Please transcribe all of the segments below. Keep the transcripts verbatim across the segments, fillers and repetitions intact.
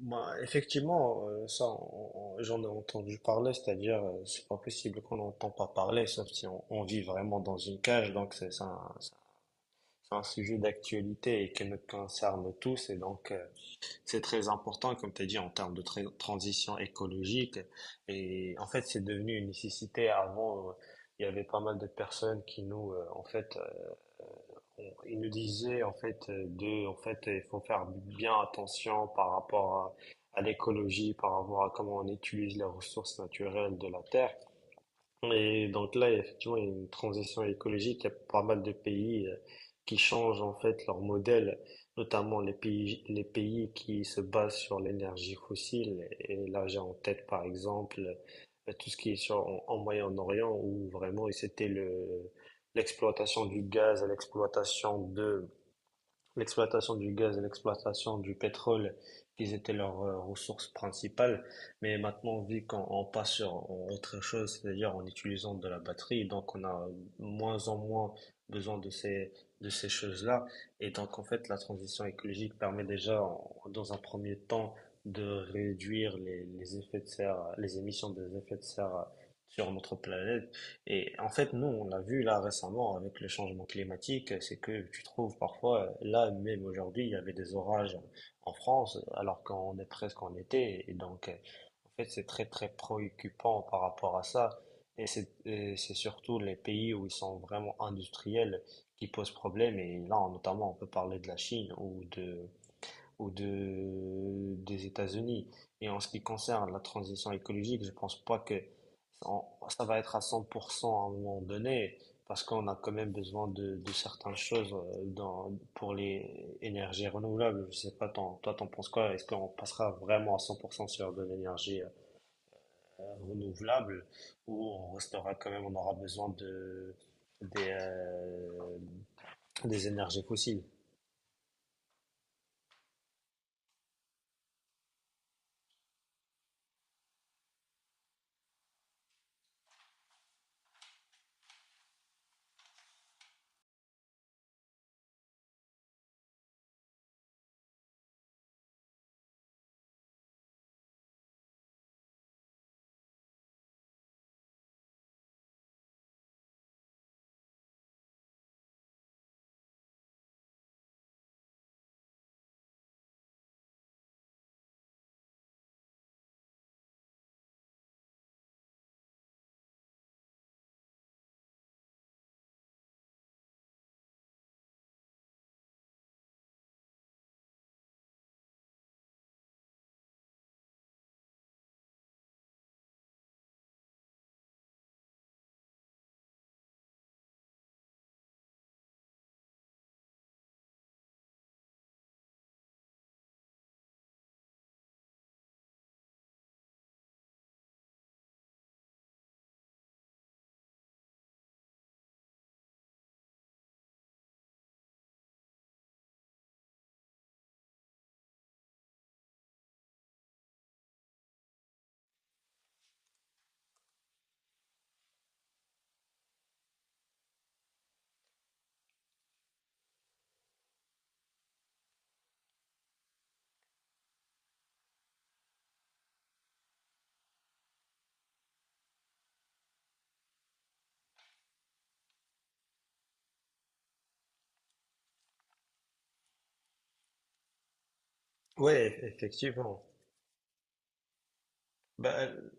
Bah, effectivement, euh, ça, on- on- j'en ai entendu parler, c'est-à-dire, euh, c'est pas possible qu'on n'entend pas parler, sauf si on, on vit vraiment dans une cage, donc c'est c'est un, c'est un sujet d'actualité et qui nous concerne tous, et donc euh, c'est très important, comme tu as dit, en termes de tra- transition écologique, et en fait, c'est devenu une nécessité. Avant, euh, il y avait pas mal de personnes qui nous, euh, en fait, euh, on- il nous disait en fait euh, de, en fait, il faut faire bien attention par rapport à, à l'écologie, par rapport à comment on utilise les ressources naturelles de la terre. Et donc là, effectivement, il y a une transition écologique. Il y a pas mal de pays euh, qui changent en fait leur modèle, notamment les pays, les pays qui se basent sur l'énergie fossile. Et là, j'ai en tête, par exemple, euh, tout ce qui est sur, en, en Moyen-Orient, où vraiment c'était le, l'exploitation du gaz, l'exploitation de l'exploitation du gaz et l'exploitation du pétrole qui étaient leurs euh, ressources principales. Mais maintenant, vu qu'on on passe sur en autre chose, c'est-à-dire en utilisant de la batterie, donc on a moins en moins besoin de ces, de ces choses-là. Et donc, en fait, la transition écologique permet déjà, en- dans un premier temps, de réduire les, les effets de serre, les émissions des effets de serre sur notre planète. Et en fait, nous, on l'a vu là récemment avec le changement climatique, c'est que tu trouves parfois, euh, là même aujourd'hui, il y avait des orages en France, alors qu'on est presque en été. Et donc, euh, en fait, c'est très très préoccupant par rapport à ça. Et c'est et c'est surtout les pays où ils sont vraiment industriels qui posent problème. Et là, notamment, on peut parler de la Chine ou de, ou de, des États-Unis. Et en ce qui concerne la transition écologique, je pense pas que on- ça va être à cent pour cent à un moment donné, parce qu'on a quand même besoin de, de certaines choses euh, dans, pour les énergies renouvelables. Je sais pas, t'en- toi, t'en penses quoi? Est-ce qu'on passera vraiment à cent pour cent sur de l'énergie euh, renouvelable, ou on restera quand même, on aura besoin de, des, euh, des énergies fossiles? Ouais, effectivement. Bah, euh,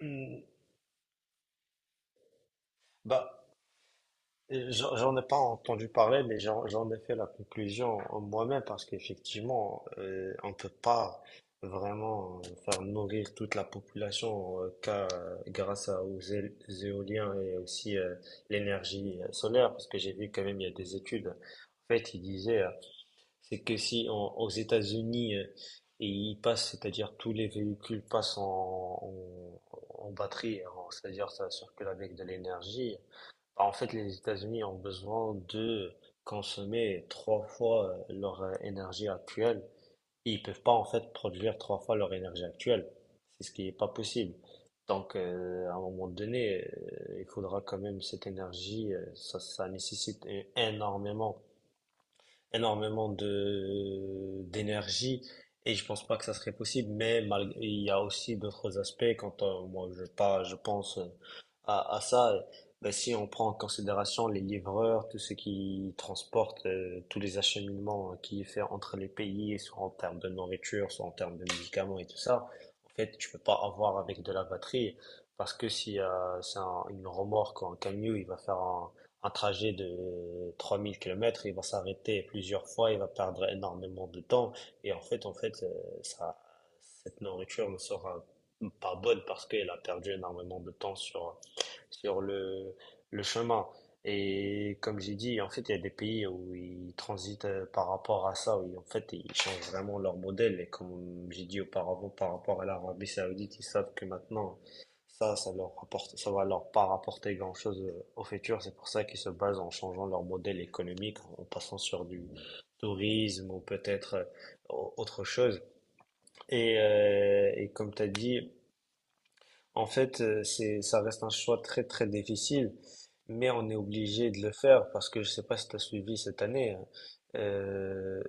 hmm, bah, J'en j'en ai pas entendu parler, mais j'en j'en ai fait la conclusion moi-même parce qu'effectivement, euh, on peut pas vraiment euh, faire nourrir toute la population euh, qu'à- grâce à- aux é- éoliens et aussi euh, l'énergie euh, solaire, parce que j'ai vu quand même il y a des études. En fait, ils disaient, euh, c'est que si en- aux États-Unis, euh, et ils passent, c'est-à-dire tous les véhicules passent en, en, en batterie, en- c'est-à-dire ça circule avec de l'énergie. En fait, les États-Unis ont besoin de consommer trois fois euh, leur euh, énergie actuelle. Ils peuvent pas en fait produire trois fois leur énergie actuelle. C'est ce qui n'est pas possible. Donc, euh, à un moment donné, euh, il faudra quand même cette énergie. euh, ça, ça nécessite é- énormément, énormément de d'énergie. Et je pense pas que ça serait possible. Mais malgré- il y a aussi d'autres aspects. Quand euh, moi, je pas, je pense euh, à, à ça, euh, ben, si on prend en considération les livreurs, tout ce qui transporte, euh, tous les acheminements euh, qui est fait entre les pays, soit en termes de nourriture, soit en termes de médicaments et tout ça, en fait, tu peux pas avoir avec de la batterie, parce que si euh, c'est un- une remorque ou un camion, il va faire un, un trajet de trois mille kilomètres, il va s'arrêter plusieurs fois, il va perdre énormément de temps, et en fait, en fait, euh, ça, cette nourriture ne sera pas bonne parce qu'elle a perdu énormément de temps sur sur le, le chemin. Et comme j'ai dit, en fait, il y a des pays où ils transitent euh, par rapport à ça, où ils- en fait, ils changent vraiment leur modèle. Et comme j'ai dit auparavant, par rapport à l'Arabie Saoudite, ils savent que maintenant, ça, ça leur rapporte, ça va leur pas rapporter grand-chose euh, au futur. C'est pour ça qu'ils se basent en changeant leur modèle économique, en passant sur du tourisme ou peut-être euh, au- autre chose. Et, euh, et comme tu as dit, en fait, euh, c'est, ça reste un choix très très difficile, mais on est obligé de le faire parce que je sais pas si tu as suivi cette année. Hein. Euh,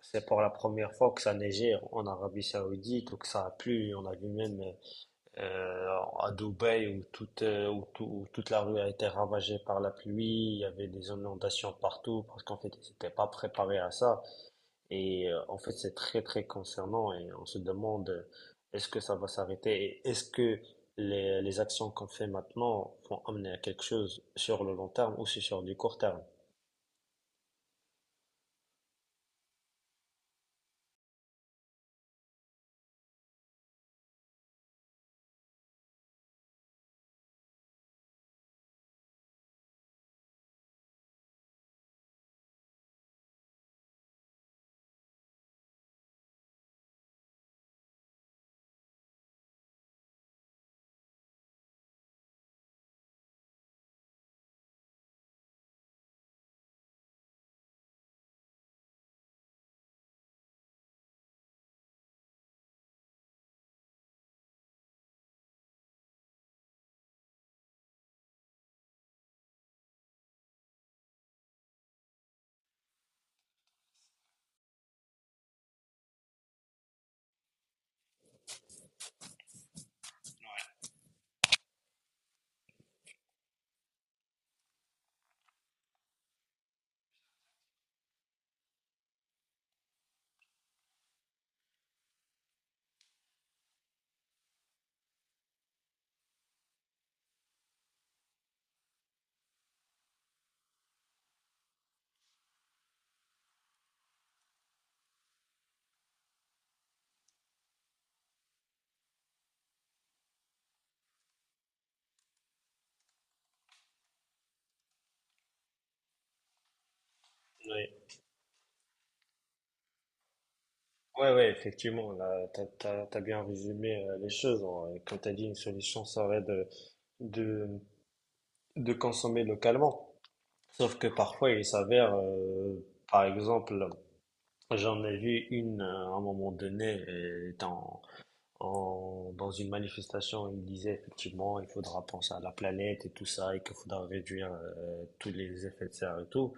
c'est pour la première fois que ça neigeait en Arabie Saoudite ou que ça a plu. On a vu même euh, à Dubaï où toute, euh, où tout- où toute la rue a été ravagée par la pluie. Il y avait des inondations partout parce qu'en fait, ils n'étaient pas préparés à ça. Et euh, en fait, c'est très, très concernant et on se demande euh, est-ce que ça va s'arrêter et est-ce que les, les actions qu'on fait maintenant vont amener à quelque chose sur le long terme ou si sur du court terme. Oui, ouais, ouais, effectivement, là, t'as, t'as, t'as bien résumé euh, les choses. Hein. Et comme t'as dit, une solution serait de, de, de consommer localement. Sauf que parfois, il s'avère, euh, par exemple, j'en ai vu une euh, à un moment donné, euh, étant en- dans une manifestation, il disait effectivement, il faudra penser à la planète et tout ça, et qu'il faudra réduire euh, tous les effets de serre et tout.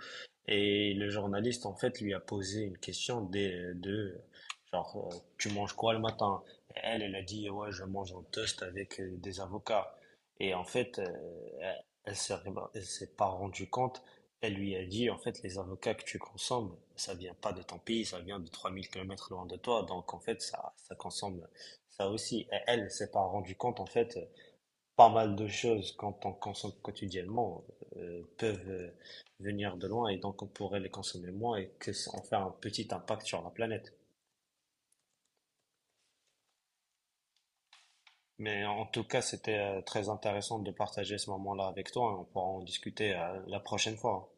Et le journaliste, en fait, lui a posé une question des- de, genre, euh, tu manges quoi le matin? Et Elle, elle a dit, ouais, je mange un toast avec euh, des avocats. Et en fait, euh, elle, elle s'est elle s'est pas rendue compte. Elle lui a dit, en fait, les avocats que tu consommes, ça vient pas de ton pays, ça vient de trois mille kilomètres loin de toi. Donc, en fait, ça, ça consomme ça aussi, et elle ne s'est pas rendu compte en fait euh, pas mal de choses quand on consomme quotidiennement euh, peuvent euh, venir de loin et donc on pourrait les consommer moins et que ça- en faire un petit impact sur la planète. Mais en tout cas, c'était euh, très intéressant de partager ce moment-là avec toi, et on pourra en discuter euh, la prochaine fois.